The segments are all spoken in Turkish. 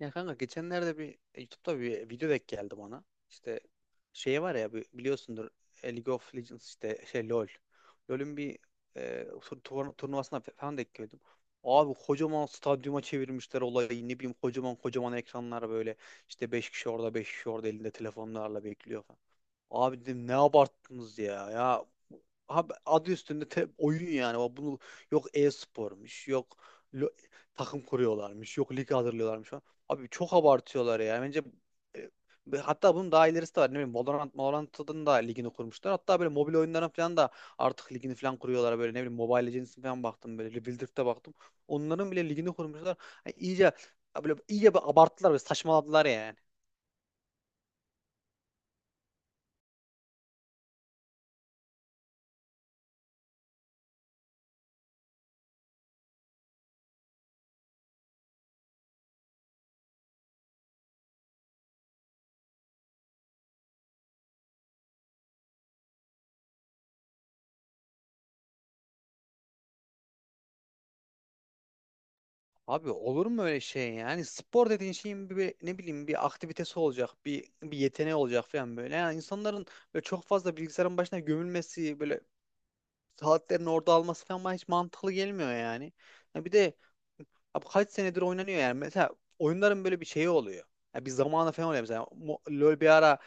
Ya kanka geçenlerde bir YouTube'da bir video denk geldi bana. İşte şey var ya biliyorsundur League of Legends işte şey LoL. LoL'ün bir turnuvasına falan denk geldim. Abi kocaman stadyuma çevirmişler olayı. Ne bileyim kocaman kocaman ekranlar böyle. İşte 5 kişi orada 5 kişi orada elinde telefonlarla bekliyor. Abi dedim ne abarttınız ya. Ya abi adı üstünde oyun yani. Bak bunu yok e-spormuş, yok lo- takım kuruyorlarmış, yok lig hazırlıyorlarmış falan. Abi çok abartıyorlar ya. Bence e, ve hatta bunun daha ilerisi de var. Ne bileyim Valorant, Valorant'ın da ligini kurmuşlar. Hatta böyle mobil oyunların falan da artık ligini falan kuruyorlar böyle ne bileyim Mobile Legends'in falan baktım böyle Rebuild'e baktım. Onların bile ligini kurmuşlar. Yani iyice böyle iyice bir abarttılar ve saçmaladılar yani. Abi olur mu öyle şey yani spor dediğin şeyin ne bileyim bir aktivitesi olacak bir yeteneği olacak falan böyle yani insanların böyle çok fazla bilgisayarın başına gömülmesi böyle saatlerini orada alması falan bana hiç mantıklı gelmiyor yani. Ya bir de abi kaç senedir oynanıyor yani mesela oyunların böyle bir şeyi oluyor. Ya bir zamanı falan oluyor mesela LoL bir ara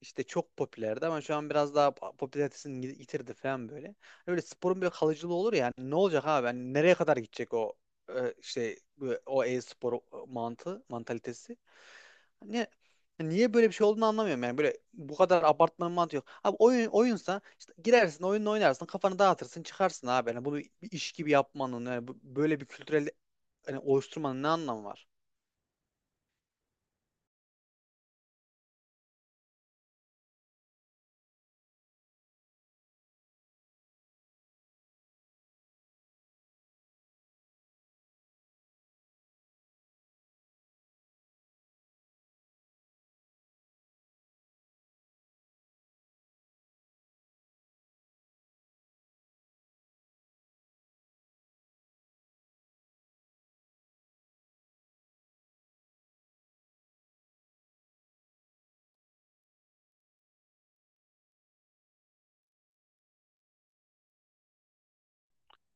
işte çok popülerdi ama şu an biraz daha popülaritesini yitirdi falan böyle. Hani böyle sporun bir kalıcılığı olur ya hani ne olacak abi? Hani nereye kadar gidecek o e, işte bu- o e-spor mantığı, mantalitesi? Hani niye böyle bir şey olduğunu anlamıyorum yani böyle bu kadar abartmanın mantığı yok. Abi oyun oyunsa işte girersin oyunla oynarsın kafanı dağıtırsın çıkarsın abi. Yani bunu bir iş gibi yapmanın yani böyle bir kültürel hani oluşturmanın ne anlamı var?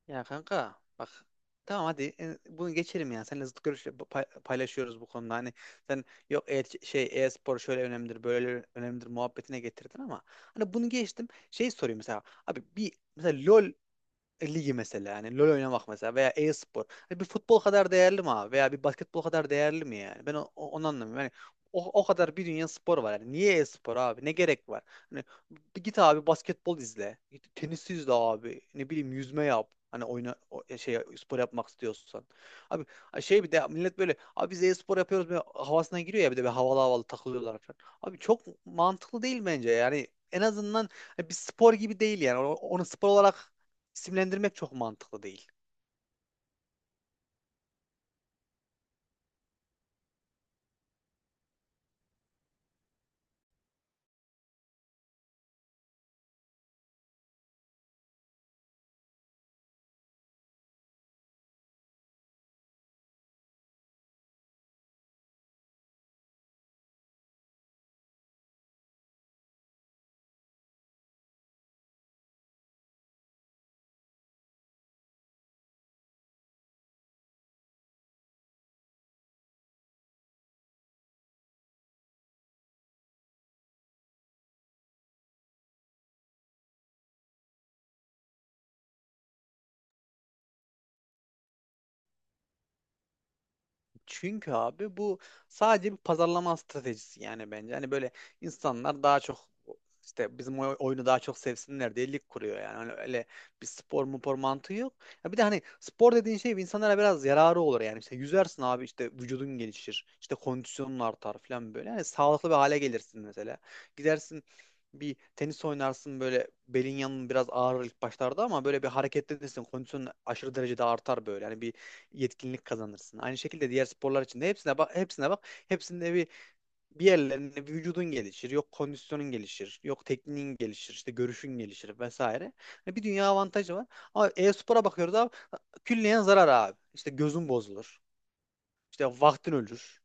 Ya kanka bak tamam hadi bunu geçelim ya. Seninle zıt görüş paylaşıyoruz bu konuda. Hani sen yok şey e-spor şöyle önemlidir, böyle önemlidir muhabbetine getirdin ama hani bunu geçtim. Şey sorayım mesela abi bir mesela LoL ligi mesela yani LoL oynamak mesela veya e-spor. Hani bir futbol kadar değerli mi abi veya bir basketbol kadar değerli mi yani? Ben onu anlamıyorum. Yani o kadar bir dünya spor var. Yani niye e-spor abi? Ne gerek var? Hani bir git abi basketbol izle. Git tenis izle abi. Ne bileyim yüzme yap. Hani oyna şey spor yapmak istiyorsan. Abi şey bir de millet böyle abi biz e-spor yapıyoruz böyle havasına giriyor ya bir de bir havalı havalı takılıyorlar falan. Abi çok mantıklı değil bence. Yani en azından bir spor gibi değil yani. Onu spor olarak isimlendirmek çok mantıklı değil. Çünkü abi bu sadece bir pazarlama stratejisi yani bence. Hani böyle insanlar daha çok işte bizim oyunu daha çok sevsinler diye lig kuruyor yani. Hani öyle bir spor mupor mantığı yok. Ya bir de hani spor dediğin şey insanlara biraz yararı olur yani. İşte yüzersin abi işte vücudun gelişir. İşte kondisyonun artar falan böyle. Hani sağlıklı bir hale gelirsin mesela. Gidersin bir tenis oynarsın böyle belin yanın biraz ağrır ilk başlarda ama böyle bir hareketlenirsin kondisyonun aşırı derecede artar böyle. Yani bir yetkinlik kazanırsın. Aynı şekilde diğer sporlar için de hepsine bak, hepsine bak. Hepsinde bir yerlerinde bir vücudun gelişir, yok kondisyonun gelişir, yok tekniğin gelişir, işte görüşün gelişir vesaire. Hani bir dünya avantajı var. Ama e-spora bakıyoruz abi külliyen zarar abi. İşte gözün bozulur. İşte vaktin ölür.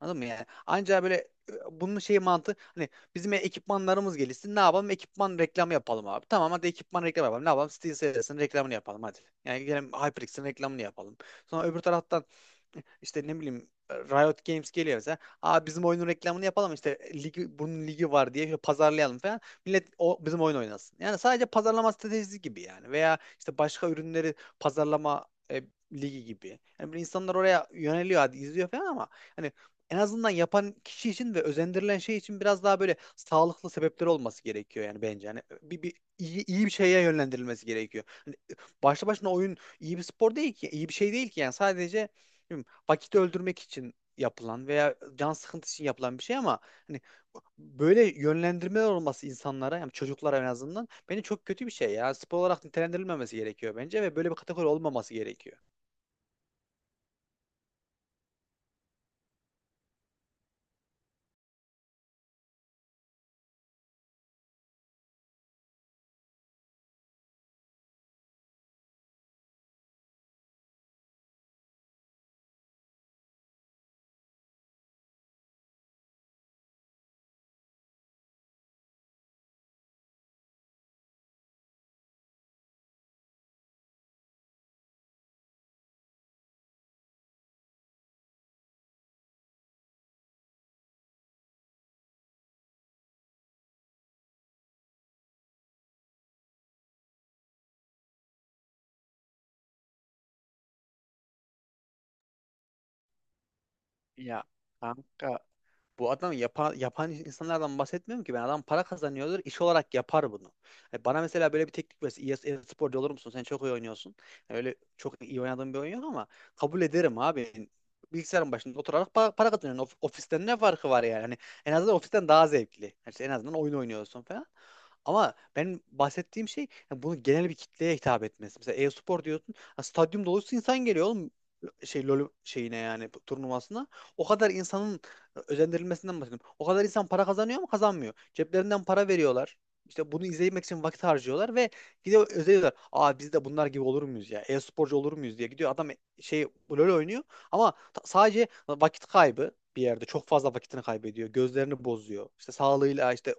Anladın mı yani? Ancak böyle bunun şeyi mantığı hani bizim ekipmanlarımız gelişsin. Ne yapalım? Ekipman reklamı yapalım abi. Tamam hadi ekipman reklamı yapalım. Ne yapalım? SteelSeries'in reklamını yapalım hadi. Yani gelelim HyperX'in reklamını yapalım. Sonra öbür taraftan işte ne bileyim Riot Games geliyor mesela. Aa bizim oyunun reklamını yapalım işte ligi, bunun ligi var diye şöyle pazarlayalım falan. Millet o bizim oyun oynasın. Yani sadece pazarlama stratejisi gibi yani. Veya işte başka ürünleri pazarlama e, ligi gibi. Yani böyle insanlar oraya yöneliyor hadi izliyor falan ama hani en azından yapan kişi için ve özendirilen şey için biraz daha böyle sağlıklı sebepleri olması gerekiyor yani bence. Yani iyi bir şeye yönlendirilmesi gerekiyor. Hani başlı başına oyun iyi bir spor değil ki, iyi bir şey değil ki yani sadece bilmiyorum, vakit öldürmek için yapılan veya can sıkıntısı için yapılan bir şey ama hani böyle yönlendirmeler olması insanlara yani çocuklara en azından bence çok kötü bir şey ya. Spor olarak nitelendirilmemesi gerekiyor bence ve böyle bir kategori olmaması gerekiyor. Ya kanka bu adam yapan, yapan insanlardan bahsetmiyorum ki ben. Adam para kazanıyordur, iş olarak yapar bunu. Yani bana mesela böyle bir teknik verse, iyi iyi sporcu olur musun? Sen çok iyi oynuyorsun. Yani öyle çok iyi oynadığım bir oyun yok ama kabul ederim abi. Bilgisayarın başında oturarak para kazanıyorsun. Ofisten ne farkı var yani? Hani en azından ofisten daha zevkli. Yani işte en azından oyun oynuyorsun falan. Ama ben bahsettiğim şey yani bunun genel bir kitleye hitap etmesi. Mesela e-spor diyorsun. Ha, Stadyum dolusu insan geliyor oğlum şey LoL şeyine yani bu turnuvasına. O kadar insanın özendirilmesinden bahsediyorum. O kadar insan para kazanıyor mu? Kazanmıyor. Ceplerinden para veriyorlar. İşte bunu izlemek için vakit harcıyorlar ve gidiyor özeniyorlar. Aa biz de bunlar gibi olur muyuz ya? E-sporcu olur muyuz diye gidiyor. Adam şey LoL oynuyor ama sadece vakit kaybı bir yerde çok fazla vakitini kaybediyor. Gözlerini bozuyor. İşte sağlığıyla işte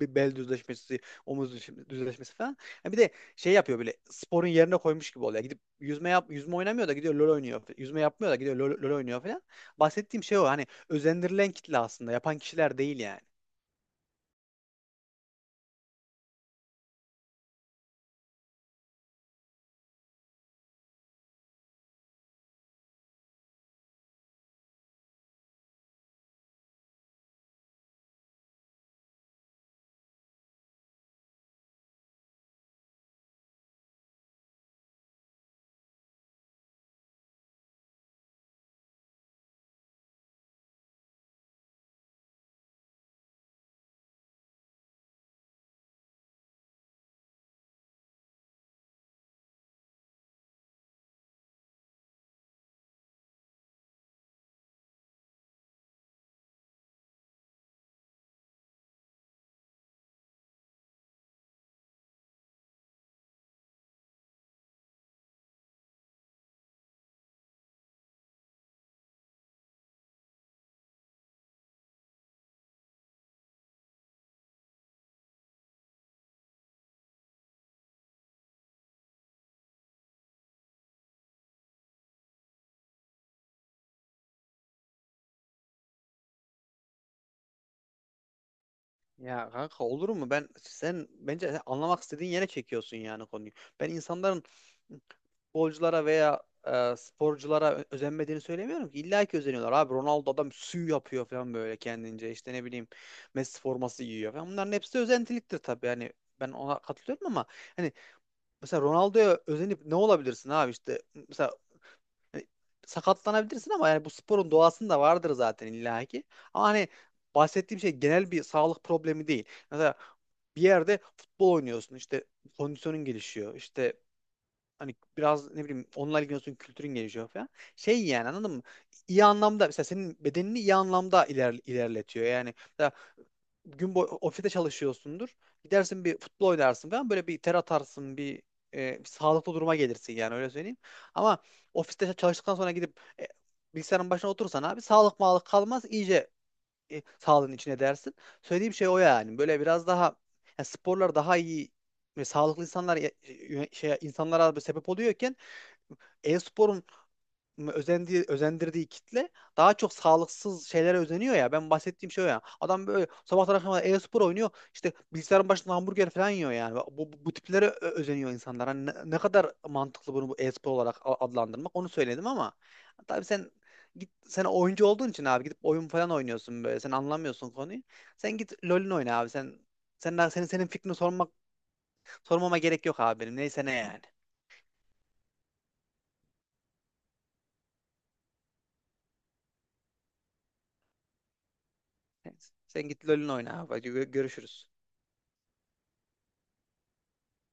bir bel düzleşmesi, omuz düzleşmesi falan. Ha bir de şey yapıyor böyle sporun yerine koymuş gibi oluyor. Gidip yüzme yap yüzme oynamıyor da gidiyor LoL oynuyor. Yüzme yapmıyor da gidiyor LoL oynuyor falan. Bahsettiğim şey o hani özendirilen kitle aslında yapan kişiler değil yani. Ya kanka olur mu? Sen bence sen anlamak istediğin yere çekiyorsun yani konuyu. Ben insanların futbolculara veya sporculara özenmediğini söylemiyorum ki. İlla ki özeniyorlar. Abi Ronaldo adam sü yapıyor falan böyle kendince. İşte ne bileyim Messi forması giyiyor falan. Bunların hepsi de özentiliktir tabii. Yani ben ona katılıyorum ama hani mesela Ronaldo'ya özenip ne olabilirsin abi işte mesela hani sakatlanabilirsin ama yani bu sporun doğasında vardır zaten illaki. Ama hani bahsettiğim şey genel bir sağlık problemi değil. Mesela bir yerde futbol oynuyorsun işte kondisyonun gelişiyor işte hani biraz ne bileyim onunla ilgileniyorsun kültürün gelişiyor falan. Şey yani anladın mı? İyi anlamda mesela senin bedenini iyi anlamda ilerletiyor. Yani mesela gün boyu ofiste çalışıyorsundur. Gidersin bir futbol oynarsın falan böyle bir ter atarsın bir sağlıklı duruma gelirsin yani öyle söyleyeyim. Ama ofiste çalıştıktan sonra gidip bilgisayarın başına otursan, abi sağlık mağlık kalmaz iyice sağlığın içine dersin. Söylediğim şey o yani böyle biraz daha yani sporlar daha iyi ve sağlıklı insanlar şey insanlara böyle sebep oluyorken e-sporun özendiği, özendirdiği kitle daha çok sağlıksız şeylere özeniyor ya. Ben bahsettiğim şey o ya. Adam böyle sabahtan akşama kadar e-spor oynuyor. İşte bilgisayarın başında hamburger falan yiyor yani. Bu tiplere özeniyor insanlar. Hani ne kadar mantıklı bunu bu e-spor olarak adlandırmak onu söyledim ama tabii sen git sen oyuncu olduğun için abi gidip oyun falan oynuyorsun böyle. Sen anlamıyorsun konuyu. Sen git LoL'ün oyna abi. Sen senin fikrini sormama gerek yok abi benim. Neyse ne yani. Sen git LoL'ün oyna abi. Hadi görüşürüz.